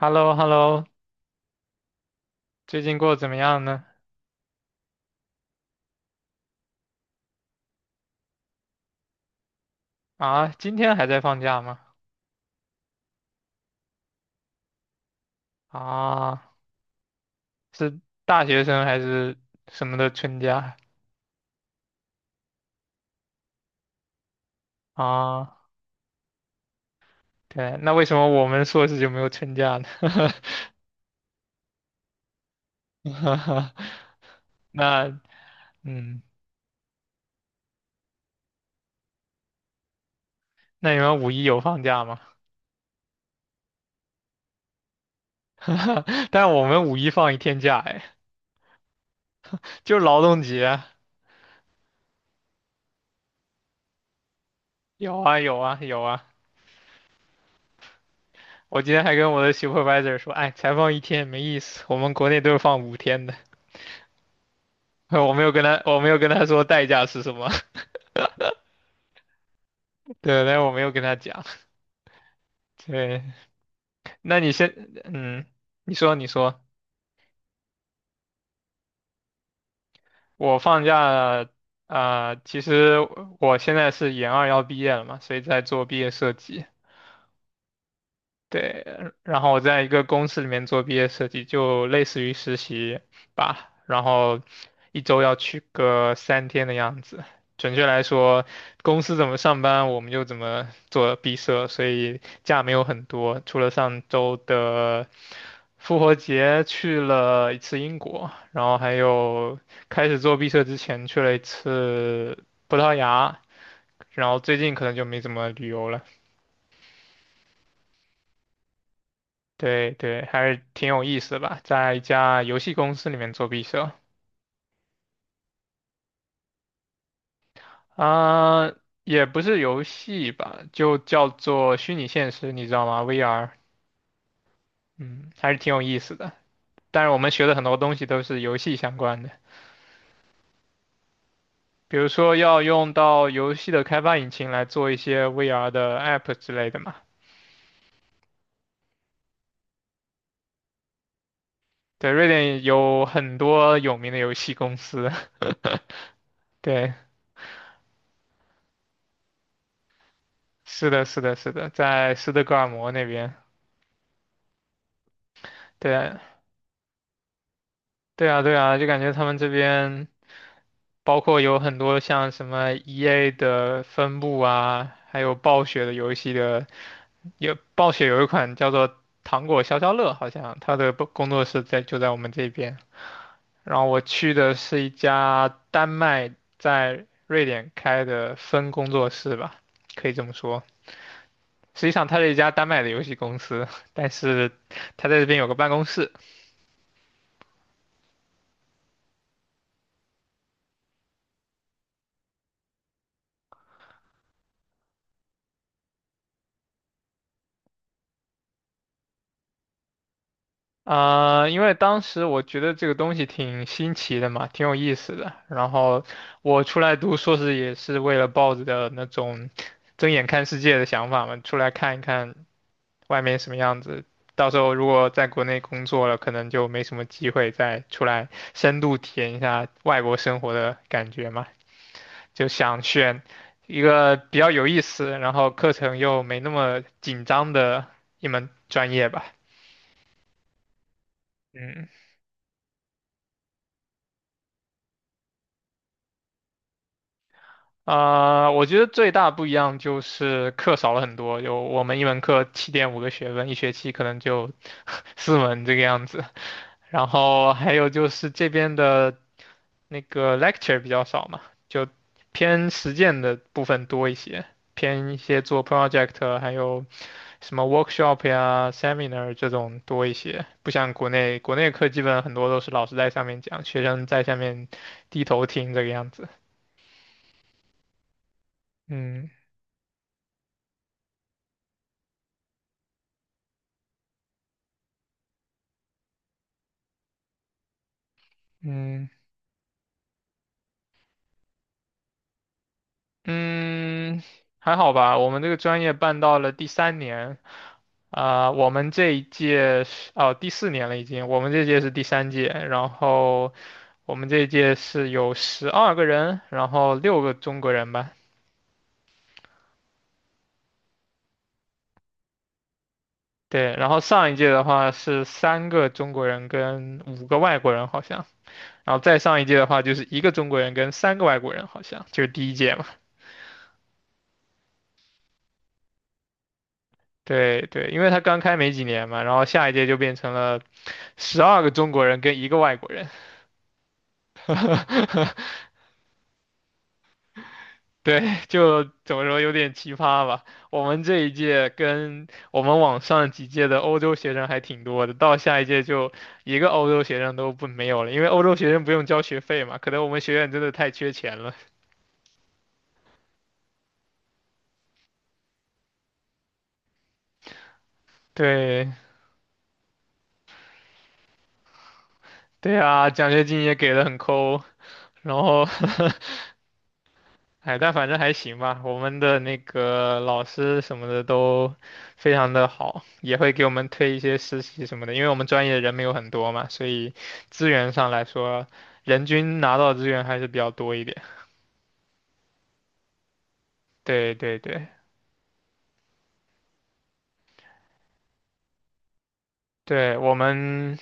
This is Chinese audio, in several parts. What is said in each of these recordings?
h e l l o h e l l o 最近过得怎么样呢？啊，今天还在放假吗？啊，是大学生还是什么的春假？啊，对，那为什么我们硕士就没有春假呢？那，嗯，那你们五一有放假吗？但我们五一放一天假，哎，就是劳动节。有啊，有啊，有啊。我今天还跟我的 supervisor 说，哎，才放一天没意思，我们国内都是放5天的。我没有跟他说代价是什么。对，但是我没有跟他讲。对，那你先，嗯，你说，我放假，啊、其实我现在是研二要毕业了嘛，所以在做毕业设计。对，然后我在一个公司里面做毕业设计，就类似于实习吧，然后一周要去个3天的样子。准确来说，公司怎么上班，我们就怎么做毕设，所以假没有很多，除了上周的复活节去了一次英国，然后还有开始做毕设之前去了一次葡萄牙，然后最近可能就没怎么旅游了。对对，还是挺有意思的吧，在一家游戏公司里面做毕设啊，也不是游戏吧，就叫做虚拟现实，你知道吗？VR,嗯，还是挺有意思的。但是我们学的很多东西都是游戏相关的，比如说要用到游戏的开发引擎来做一些 VR 的 App 之类的嘛。对，瑞典有很多有名的游戏公司。对，是的，是的，是的，在斯德哥尔摩那边。对啊，对啊，对啊，就感觉他们这边。包括有很多像什么 EA 的分部啊，还有暴雪的游戏的，有暴雪有一款叫做《糖果消消乐》，好像它的工作室在就在我们这边。然后我去的是一家丹麦在瑞典开的分工作室吧，可以这么说。实际上它是一家丹麦的游戏公司，但是它在这边有个办公室。啊、因为当时我觉得这个东西挺新奇的嘛，挺有意思的。然后我出来读硕士也是为了抱着的那种睁眼看世界的想法嘛，出来看一看外面什么样子。到时候如果在国内工作了，可能就没什么机会再出来深度体验一下外国生活的感觉嘛。就想选一个比较有意思，然后课程又没那么紧张的一门专业吧。嗯。啊、我觉得最大不一样就是课少了很多，有我们一门课7.5个学分，一学期可能就 四门这个样子。然后还有就是这边的那个 lecture 比较少嘛，就偏实践的部分多一些，偏一些做 project,还有什么 workshop 呀、seminar 这种多一些。不像国内，国内课基本很多都是老师在上面讲，学生在下面低头听这个样子。嗯嗯。嗯，还好吧。我们这个专业办到了第三年，啊、我们这一届是哦第四年了已经，我们这届是第三届，然后我们这一届是有12个人，然后六个中国人吧，对，然后上一届的话是三个中国人跟五个外国人好像，然后再上一届的话就是一个中国人跟三个外国人好像，就是第一届嘛。对对，因为他刚开没几年嘛，然后下一届就变成了12个中国人跟一个外国人。对，就怎么说有点奇葩吧。我们这一届跟我们往上几届的欧洲学生还挺多的，到下一届就一个欧洲学生都不没有了，因为欧洲学生不用交学费嘛。可能我们学院真的太缺钱了。对，对啊，奖学金也给的很抠，然后哎，但反正还行吧。我们的那个老师什么的都非常的好，也会给我们推一些实习什么的。因为我们专业人没有很多嘛，所以资源上来说，人均拿到的资源还是比较多一点。对对对对，我们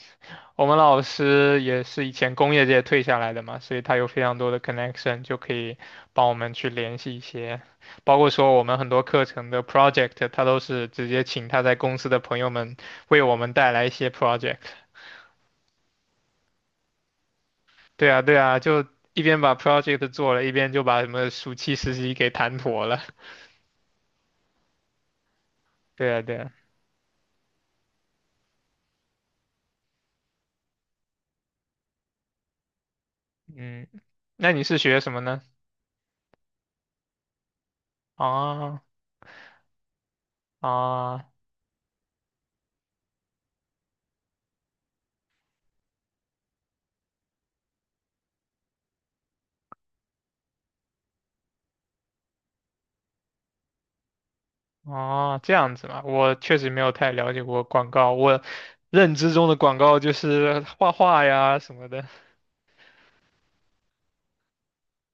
我们老师也是以前工业界退下来的嘛，所以他有非常多的 connection,就可以帮我们去联系一些，包括说我们很多课程的 project,他都是直接请他在公司的朋友们为我们带来一些 project。对啊，对啊，就一边把 project 做了，一边就把什么暑期实习给谈妥了。对啊，对啊，嗯，那你是学什么呢？啊啊。哦，这样子嘛，我确实没有太了解过广告。我认知中的广告就是画画呀什么的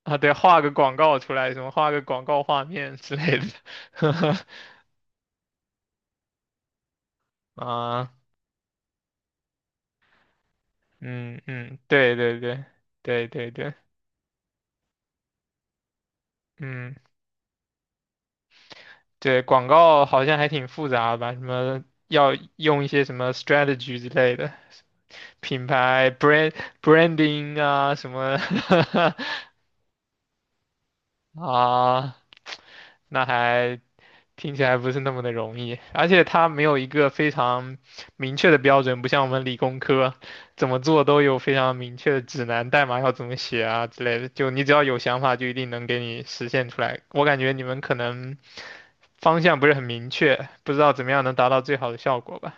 啊，对，画个广告出来，什么画个广告画面之类的。啊，嗯嗯，对对对对对对，嗯，对，广告好像还挺复杂吧，什么要用一些什么 strategy 之类的，品牌 brand branding 啊什么 啊，那还听起来不是那么的容易，而且它没有一个非常明确的标准，不像我们理工科怎么做都有非常明确的指南，代码要怎么写啊之类的。就你只要有想法，就一定能给你实现出来。我感觉你们可能方向不是很明确，不知道怎么样能达到最好的效果吧？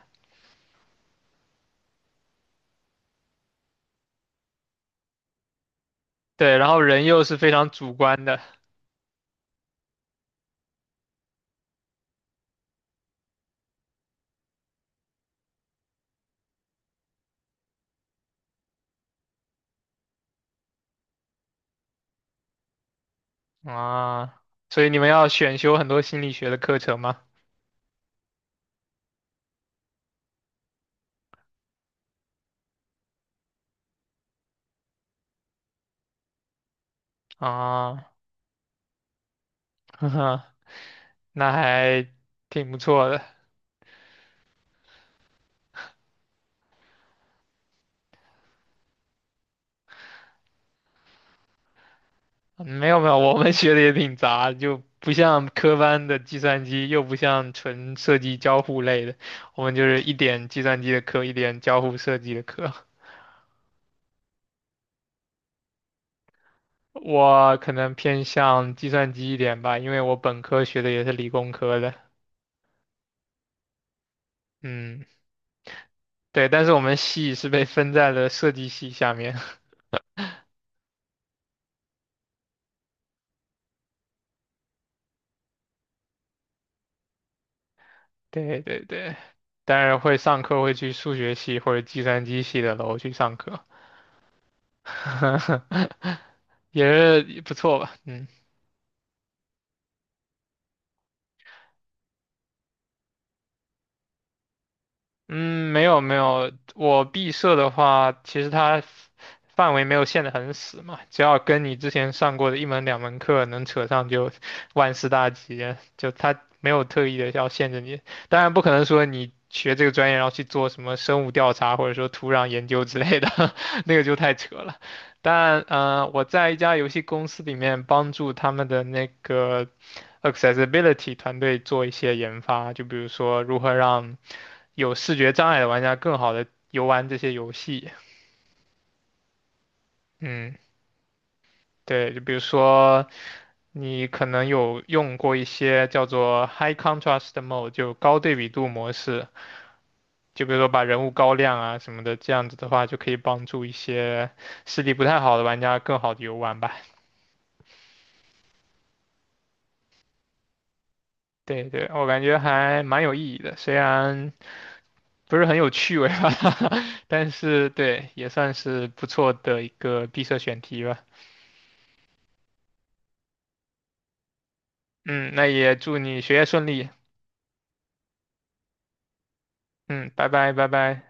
对，然后人又是非常主观的啊，所以你们要选修很多心理学的课程吗？啊，呵呵，那还挺不错的。没有没有，我们学的也挺杂，就不像科班的计算机，又不像纯设计交互类的，我们就是一点计算机的课，一点交互设计的课。我可能偏向计算机一点吧，因为我本科学的也是理工科的。嗯，对，但是我们系是被分在了设计系下面。对对对，当然会上课会去数学系或者计算机系的楼去上课，也是不错吧。嗯。嗯，没有没有，我毕设的话，其实它范围没有限得很死嘛，只要跟你之前上过的一门两门课能扯上，就万事大吉。就它没有特意的要限制你，当然不可能说你学这个专业然后去做什么生物调查或者说土壤研究之类的，那个就太扯了。但我在一家游戏公司里面帮助他们的那个 accessibility 团队做一些研发，就比如说如何让有视觉障碍的玩家更好的游玩这些游戏。嗯，对，就比如说你可能有用过一些叫做 High Contrast Mode,就高对比度模式，就比如说把人物高亮啊什么的，这样子的话就可以帮助一些视力不太好的玩家更好的游玩吧。对对，我感觉还蛮有意义的，虽然不是很有趣味吧，但是对，也算是不错的一个闭塞选题吧。嗯，那也祝你学业顺利。嗯，拜拜，拜拜。